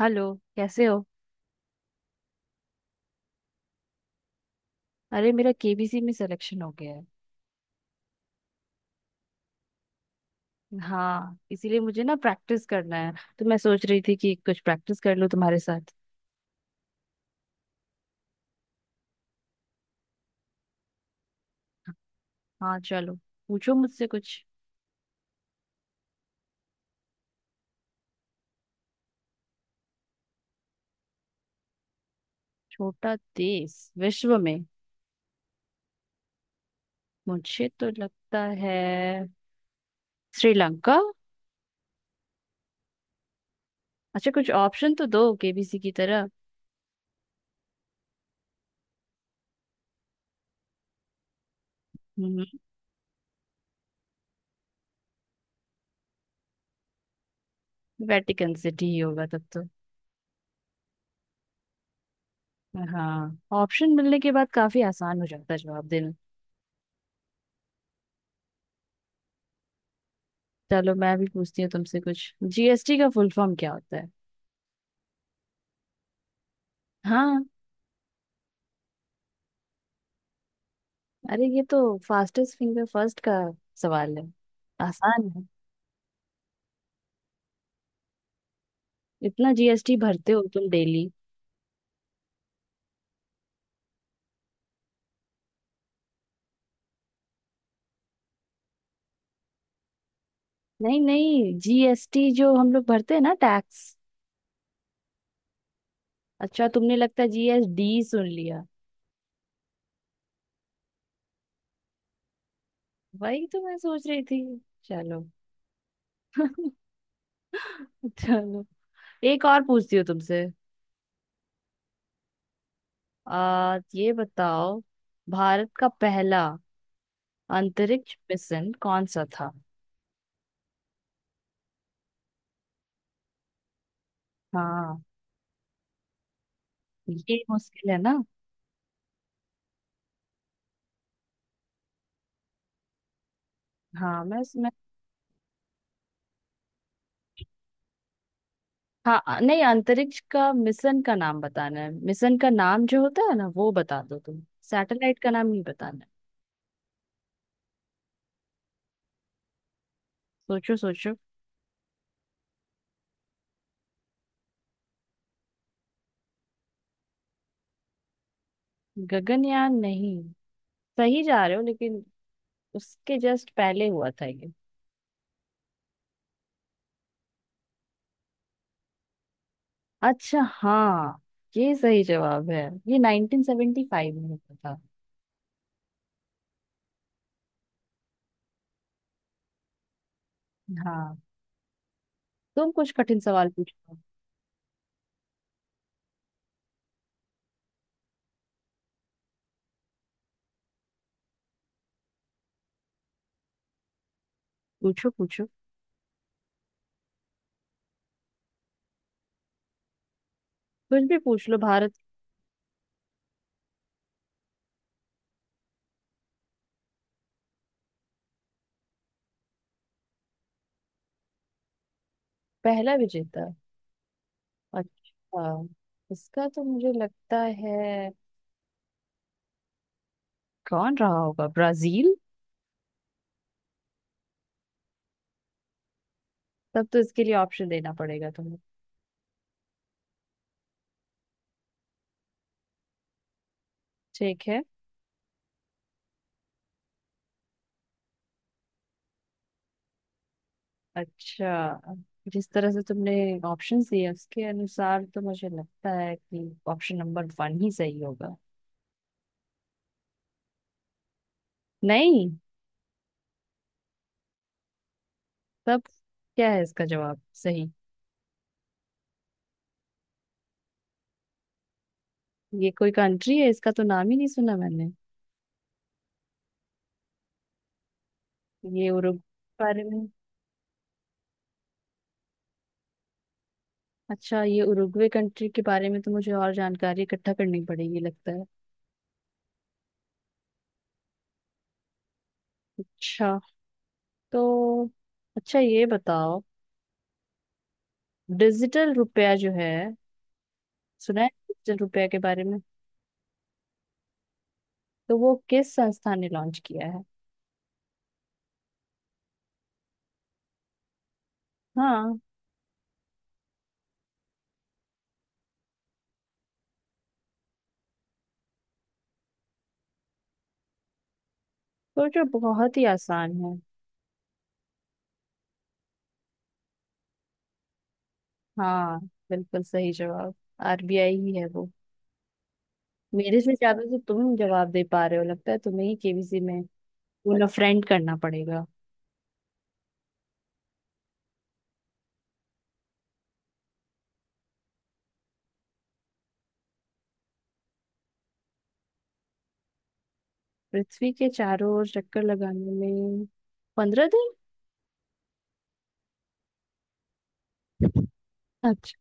Hello. कैसे हो? अरे, मेरा केबीसी में सिलेक्शन हो गया है। हाँ, इसीलिए मुझे ना प्रैक्टिस करना है। तो मैं सोच रही थी कि कुछ प्रैक्टिस कर लूँ तुम्हारे साथ। हाँ, चलो, पूछो मुझसे कुछ। छोटा देश विश्व में। मुझे तो लगता है श्रीलंका। अच्छा, कुछ ऑप्शन तो दो केबीसी की तरह। हम्म वेटिकन सिटी ही होगा तब तो। हाँ, ऑप्शन मिलने के बाद काफी आसान हो जाता है जवाब देना। चलो, मैं भी पूछती हूँ तुमसे कुछ। जीएसटी का फुल फॉर्म क्या होता है? हाँ। अरे, ये तो फास्टेस्ट फिंगर फर्स्ट का सवाल है। आसान है। इतना जीएसटी भरते हो तुम डेली? नहीं नहीं, जीएसटी जो हम लोग भरते हैं ना, टैक्स। अच्छा, तुमने लगता है जीएसडी सुन लिया। वही तो मैं सोच रही थी। चलो। चलो, एक और पूछती हूँ तुमसे। आ ये बताओ, भारत का पहला अंतरिक्ष मिशन कौन सा था? हाँ, ये मुश्किल है ना। हाँ, मैं। हाँ, नहीं, अंतरिक्ष का मिशन का नाम बताना है। मिशन का नाम जो होता है ना, वो बता दो तुम। सैटेलाइट का नाम नहीं बताना है। सोचो सोचो। गगनयान नहीं। सही जा रहे हो, लेकिन उसके जस्ट पहले हुआ था ये। अच्छा, हाँ, ये सही जवाब है। ये 1975 में हुआ था। हाँ, तुम कुछ कठिन सवाल पूछो। पूछो पूछो। कुछ भी पूछ लो। भारत। पहला विजेता। अच्छा, इसका तो मुझे लगता है, कौन रहा होगा, ब्राजील। तब तो इसके लिए ऑप्शन देना पड़ेगा तुम्हें। ठीक है। अच्छा, जिस तरह से तुमने ऑप्शंस दिए उसके अनुसार तो मुझे लगता है कि ऑप्शन नंबर वन ही सही होगा। नहीं। तब क्या है इसका जवाब सही? ये कोई कंट्री है? इसका तो नाम ही नहीं सुना मैंने। ये उरुग, बारे में। अच्छा, ये उरुग्वे कंट्री के बारे में तो मुझे और जानकारी इकट्ठा करनी पड़ेगी लगता है। अच्छा। तो। अच्छा, ये बताओ, डिजिटल रुपया जो है, सुना है डिजिटल रुपया के बारे में? तो वो किस संस्था ने लॉन्च किया है? हाँ, सोचो, बहुत ही आसान है। हाँ, बिल्कुल सही जवाब। आरबीआई ही है वो। मेरे से ज्यादा तो तुम जवाब दे पा रहे हो, लगता है तुम्हें ही केबीसी में उन्हें फ्रेंड करना पड़ेगा। पृथ्वी के चारों ओर चक्कर लगाने में 15 दिन। अच्छा।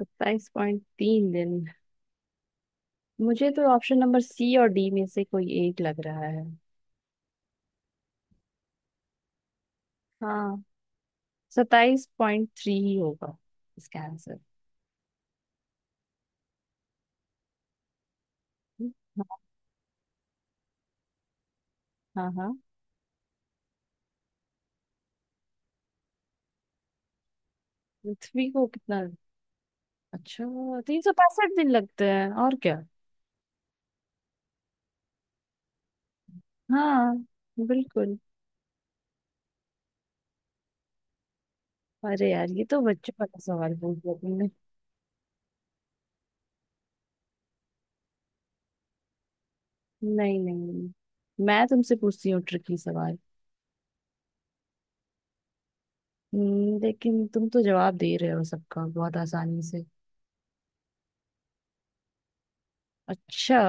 27.3 दिन। मुझे तो ऑप्शन नंबर सी और डी में से कोई एक लग रहा है। हाँ, 27.3 ही होगा इसका आंसर। हाँ हाँ हाँ। पृथ्वी को कितना? अच्छा, 365 दिन लगते हैं और क्या। हाँ, बिल्कुल। अरे यार, ये तो बच्चों वाला सवाल पूछ लिया तुमने। नहीं नहीं नहीं। मैं तुमसे पूछती हूँ ट्रिकी सवाल। लेकिन तुम तो जवाब दे रहे हो सबका, बहुत आसानी से। अच्छा,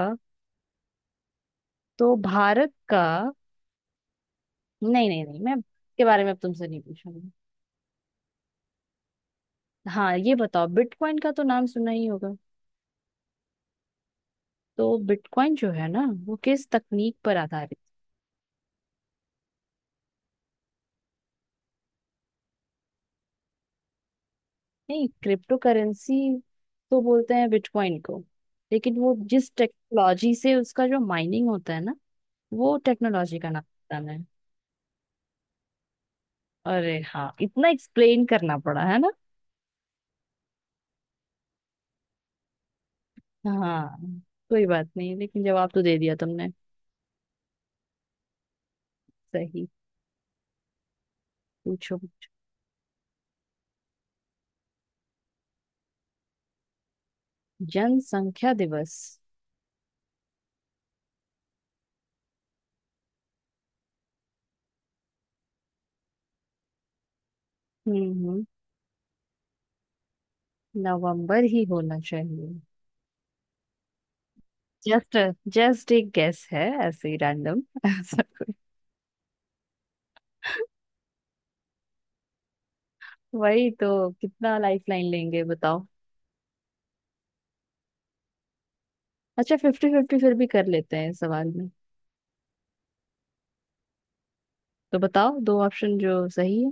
तो भारत का, नहीं नहीं नहीं, मैं के बारे में अब तुमसे नहीं पूछूंगी। हाँ, ये बताओ, बिटकॉइन का तो नाम सुना ही होगा। तो बिटकॉइन जो है ना, वो किस तकनीक पर आधारित? नहीं, क्रिप्टो करेंसी तो बोलते हैं बिटकॉइन को, लेकिन वो जिस टेक्नोलॉजी से, उसका जो माइनिंग होता है ना, वो टेक्नोलॉजी का नाम पता नहीं। अरे हाँ, इतना एक्सप्लेन करना पड़ा है ना। हाँ, कोई बात नहीं, लेकिन जवाब तो दे दिया तुमने सही। पूछो। जनसंख्या दिवस। हम्म, हम्म। नवंबर ही होना चाहिए। जस्ट जस्ट एक गेस है ऐसे ही रैंडम। ऐसा कोई। वही तो, कितना लाइफ लाइन लेंगे बताओ। अच्छा, फिफ्टी फिफ्टी फिर भी कर लेते हैं इस सवाल में। तो बताओ, दो ऑप्शन जो सही है।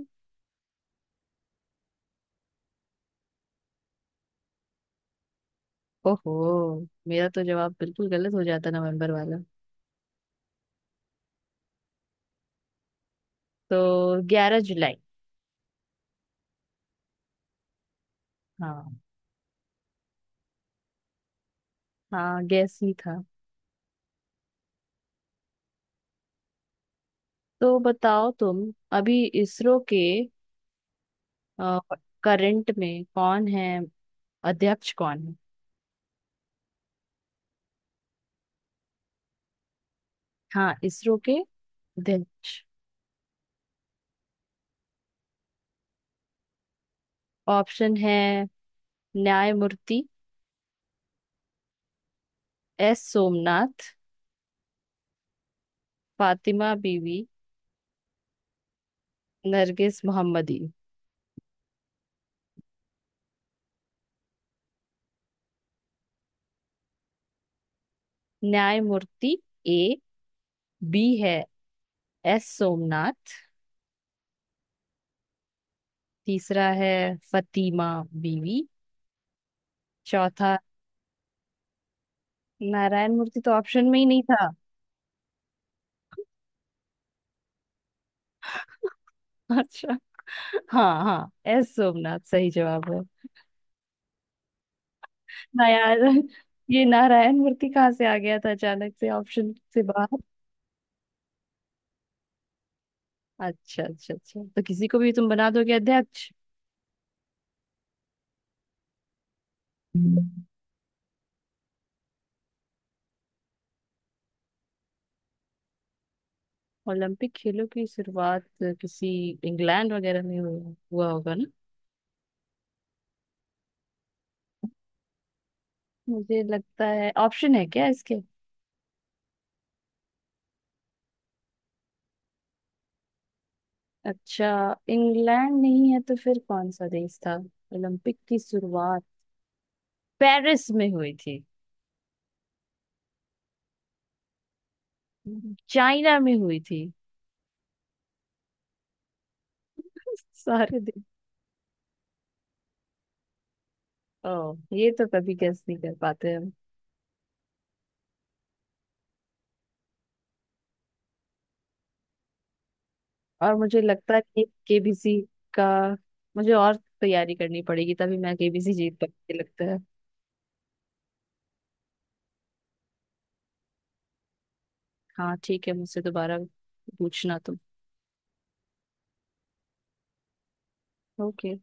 ओहो, मेरा तो जवाब बिल्कुल गलत हो जाता, नवंबर वाला। तो 11 जुलाई। हाँ। हाँ, गैस ही था। तो बताओ तुम, अभी इसरो के करंट में कौन है, अध्यक्ष कौन है? हाँ, इसरो के अध्यक्ष। ऑप्शन है, न्यायमूर्ति, एस सोमनाथ, फातिमा बीवी, नरगिस मोहम्मदी। न्यायमूर्ति ए। बी है, एस सोमनाथ। तीसरा है फतिमा बीवी। चौथा नारायण मूर्ति तो ऑप्शन में ही नहीं था। अच्छा, हाँ हाँ, एस सोमनाथ सही जवाब है। ना यार, ये नारायण मूर्ति कहाँ से आ गया था अचानक से, ऑप्शन से बाहर? अच्छा अच्छा अच्छा, तो किसी को भी तुम बना दोगे अध्यक्ष। हम्म। ओलंपिक खेलों की शुरुआत किसी इंग्लैंड वगैरह में हुआ, हुआ होगा ना? मुझे लगता है, ऑप्शन है क्या इसके? अच्छा, इंग्लैंड नहीं है तो फिर कौन सा देश था ओलंपिक की शुरुआत? पेरिस में हुई थी? चाइना में हुई थी? सारे देश। ओ, ये तो कभी गेस नहीं कर पाते हम। और मुझे लगता है कि केबीसी का, मुझे और तैयारी करनी पड़ेगी तभी मैं केबीसी जीत पाऊंगी लगता है। हाँ, ठीक है, मुझसे दोबारा पूछना तुम। ओके।